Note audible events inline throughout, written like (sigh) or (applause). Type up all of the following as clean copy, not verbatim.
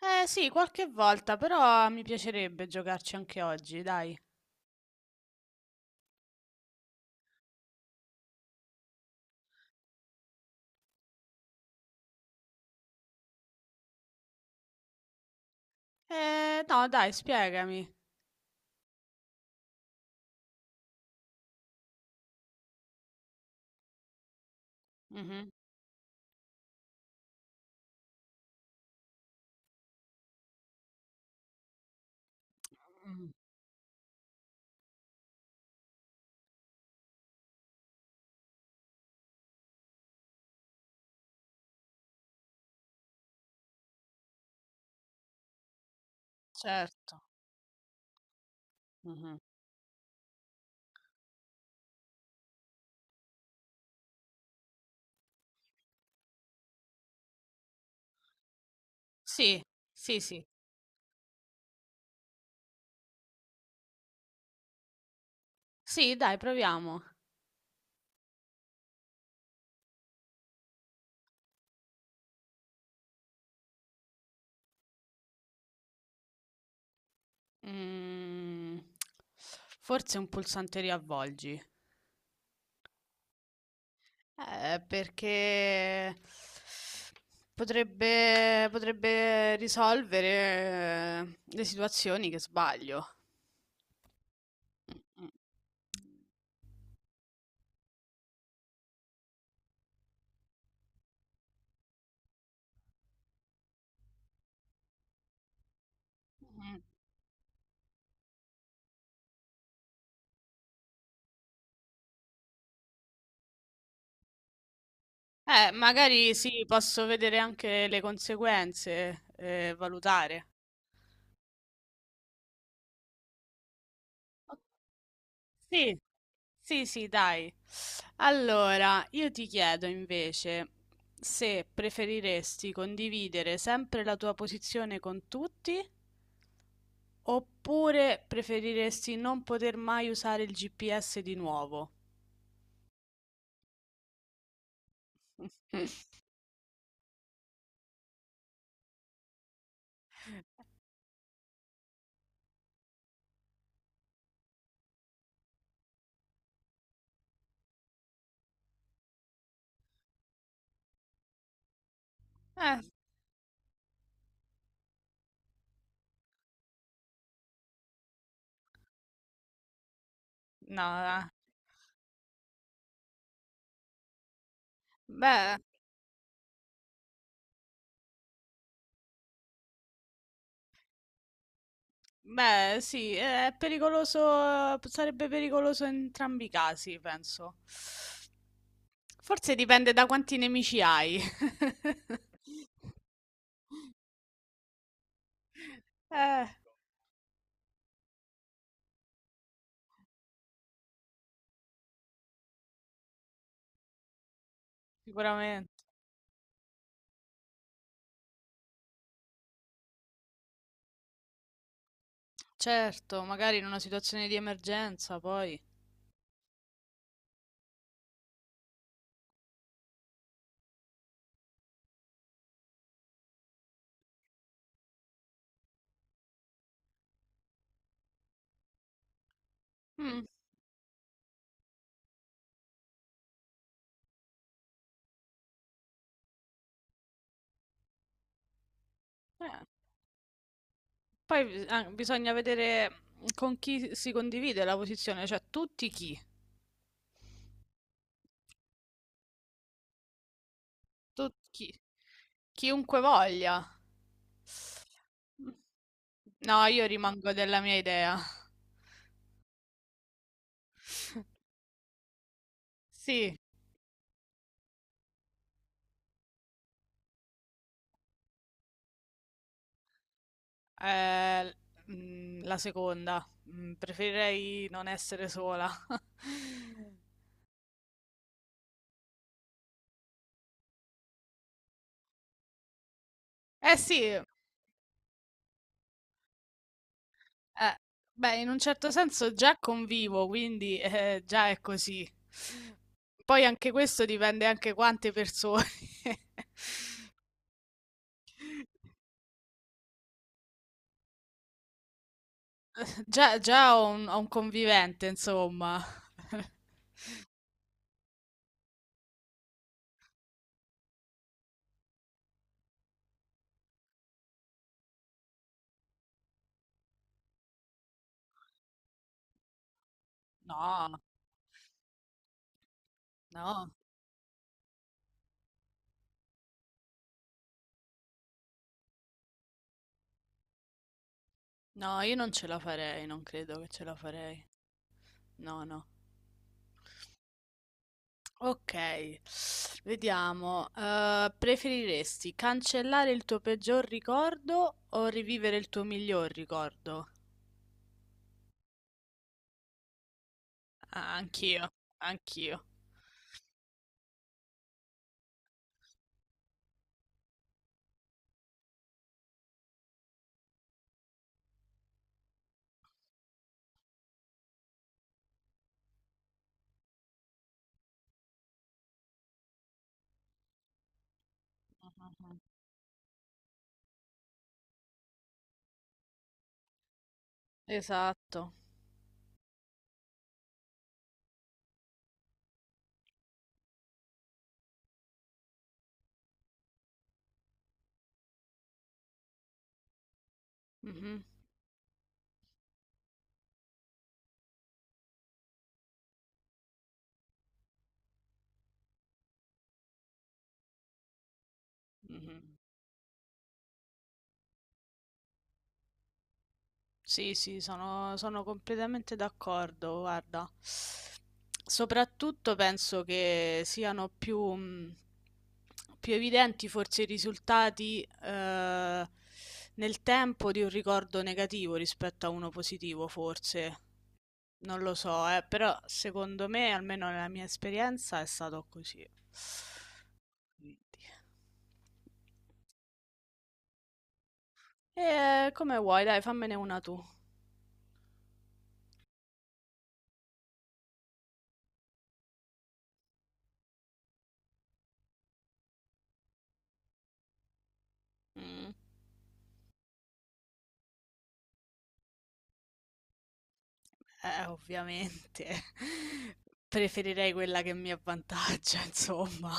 Eh sì, qualche volta, però mi piacerebbe giocarci anche oggi, dai. No, dai, spiegami. Mhm, mhm, certo. Mhm. Sì, sì, sì. Sì, dai, proviamo. Mm, forse un pulsante riavvolgi. Perché potrebbe risolvere le situazioni che sbaglio. Mm, mm. Mm. Magari sì, posso vedere anche le conseguenze, valutare. Oh, sì, sì, sì, dai. Allora, io ti chiedo invece se preferiresti condividere sempre la tua posizione con tutti oppure preferiresti non poter mai usare il GPS di nuovo. (laughs) Eh, no, eh. Beh. Beh, sì, è pericoloso, sarebbe pericoloso in entrambi i casi, penso. Forse dipende da quanti nemici hai. (laughs) Eh, sicuramente. Certo, magari in una situazione di emergenza, poi. Mm, eh, ah, bisogna vedere con chi si condivide la posizione, cioè tutti chi, chiunque voglia. No, io rimango della mia idea. (laughs) Sì. Ehm, mhmm, la seconda. Mhmm, preferirei non essere sola. (laughs) Eh sì, beh, in un certo senso già convivo, quindi, già è così. Poi anche questo dipende anche quante persone. (laughs) Già già ho un convivente, insomma. (laughs) No, no, no, io non ce la farei, non credo che ce la farei. No, no. Ok, vediamo. Preferiresti cancellare il tuo peggior ricordo o rivivere il tuo miglior ricordo? Ah, anch'io, anch'io. Mhm. Esatto. Mhm, mhm. Sì, sono completamente d'accordo, guarda. Soprattutto penso che siano più, più evidenti forse i risultati nel tempo di un ricordo negativo rispetto a uno positivo, forse. Non lo so, però secondo me, almeno nella mia esperienza, è stato così. Quindi. E come vuoi, dai, fammene una tu. Mm. Ovviamente. (laughs) Preferirei quella che mi avvantaggia, (laughs) insomma.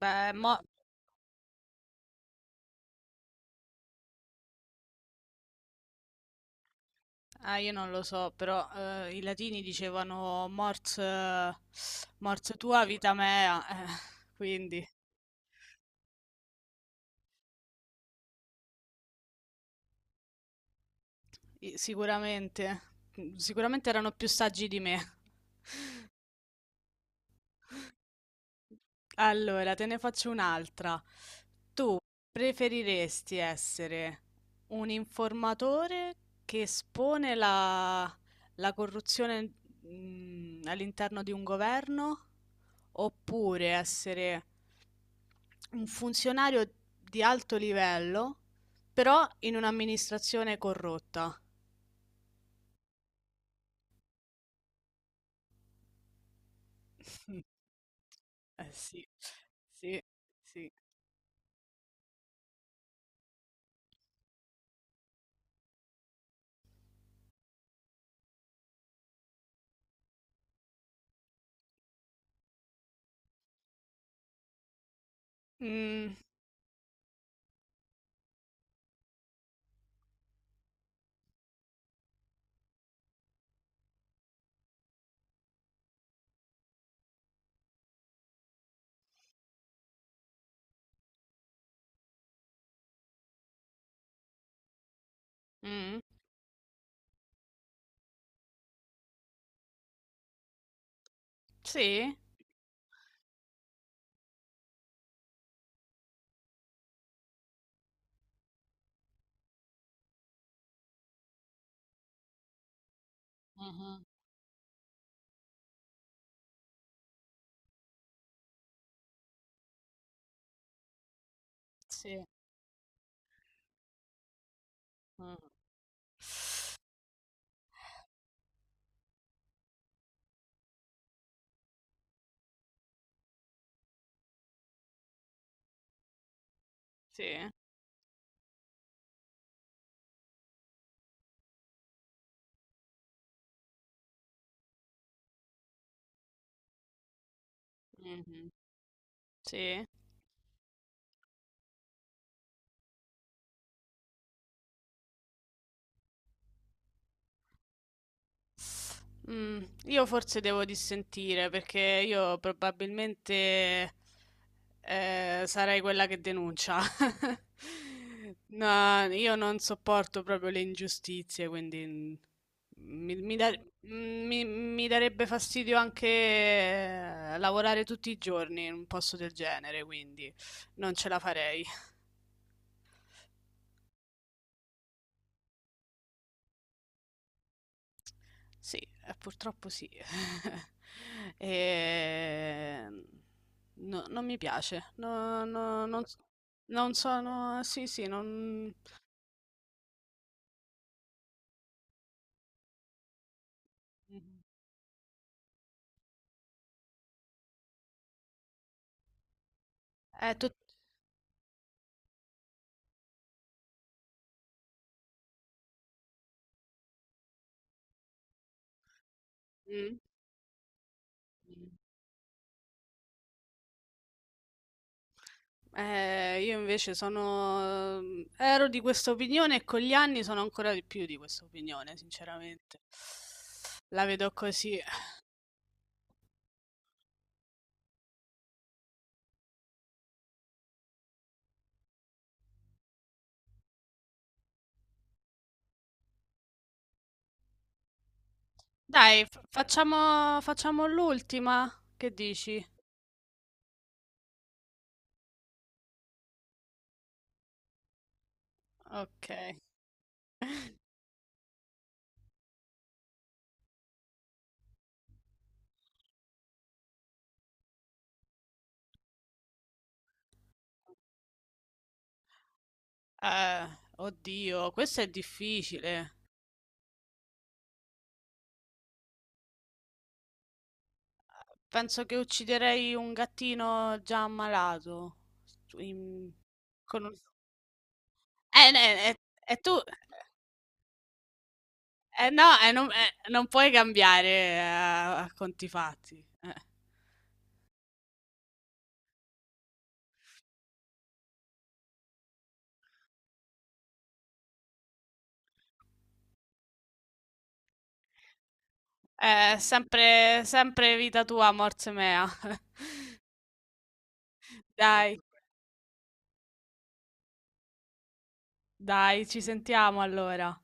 Beh, mo... Ah, io non lo so, però i latini dicevano mors tua, vita mea, quindi sicuramente, sicuramente erano più saggi di me. Allora, te ne faccio un'altra. Preferiresti essere un informatore che espone la corruzione, mm, all'interno di un governo oppure essere un funzionario di alto livello, però in un'amministrazione corrotta? (laughs) Eh sì, sì, sì. Mm, mm, sì. Mhm, sì. Mhm. Sì. Mhm, sì. Mm, io forse devo dissentire perché io probabilmente sarei quella che denuncia. (laughs) No, io non sopporto proprio le ingiustizie, quindi mm, mi, mi da- mm, mi darebbe fastidio anche lavorare tutti i giorni in un posto del genere, quindi non ce la farei. Sì, purtroppo sì. (laughs) Ehm, non mi piace. Non, non sono... Sì, sì, non... È tut- Mm. Io invece sono... ero di questa opinione e con gli anni sono ancora di più di questa opinione, sinceramente. La vedo così. Dai, facciamo, facciamo l'ultima. Che dici? Ok. Eh, oddio, questo è difficile. Penso che ucciderei un gattino già ammalato. Su- in- con un- ne- tu... no, non, non puoi cambiare a conti fatti. Sempre, sempre vita tua, morte mea. (laughs) Dai, dai, ci sentiamo allora.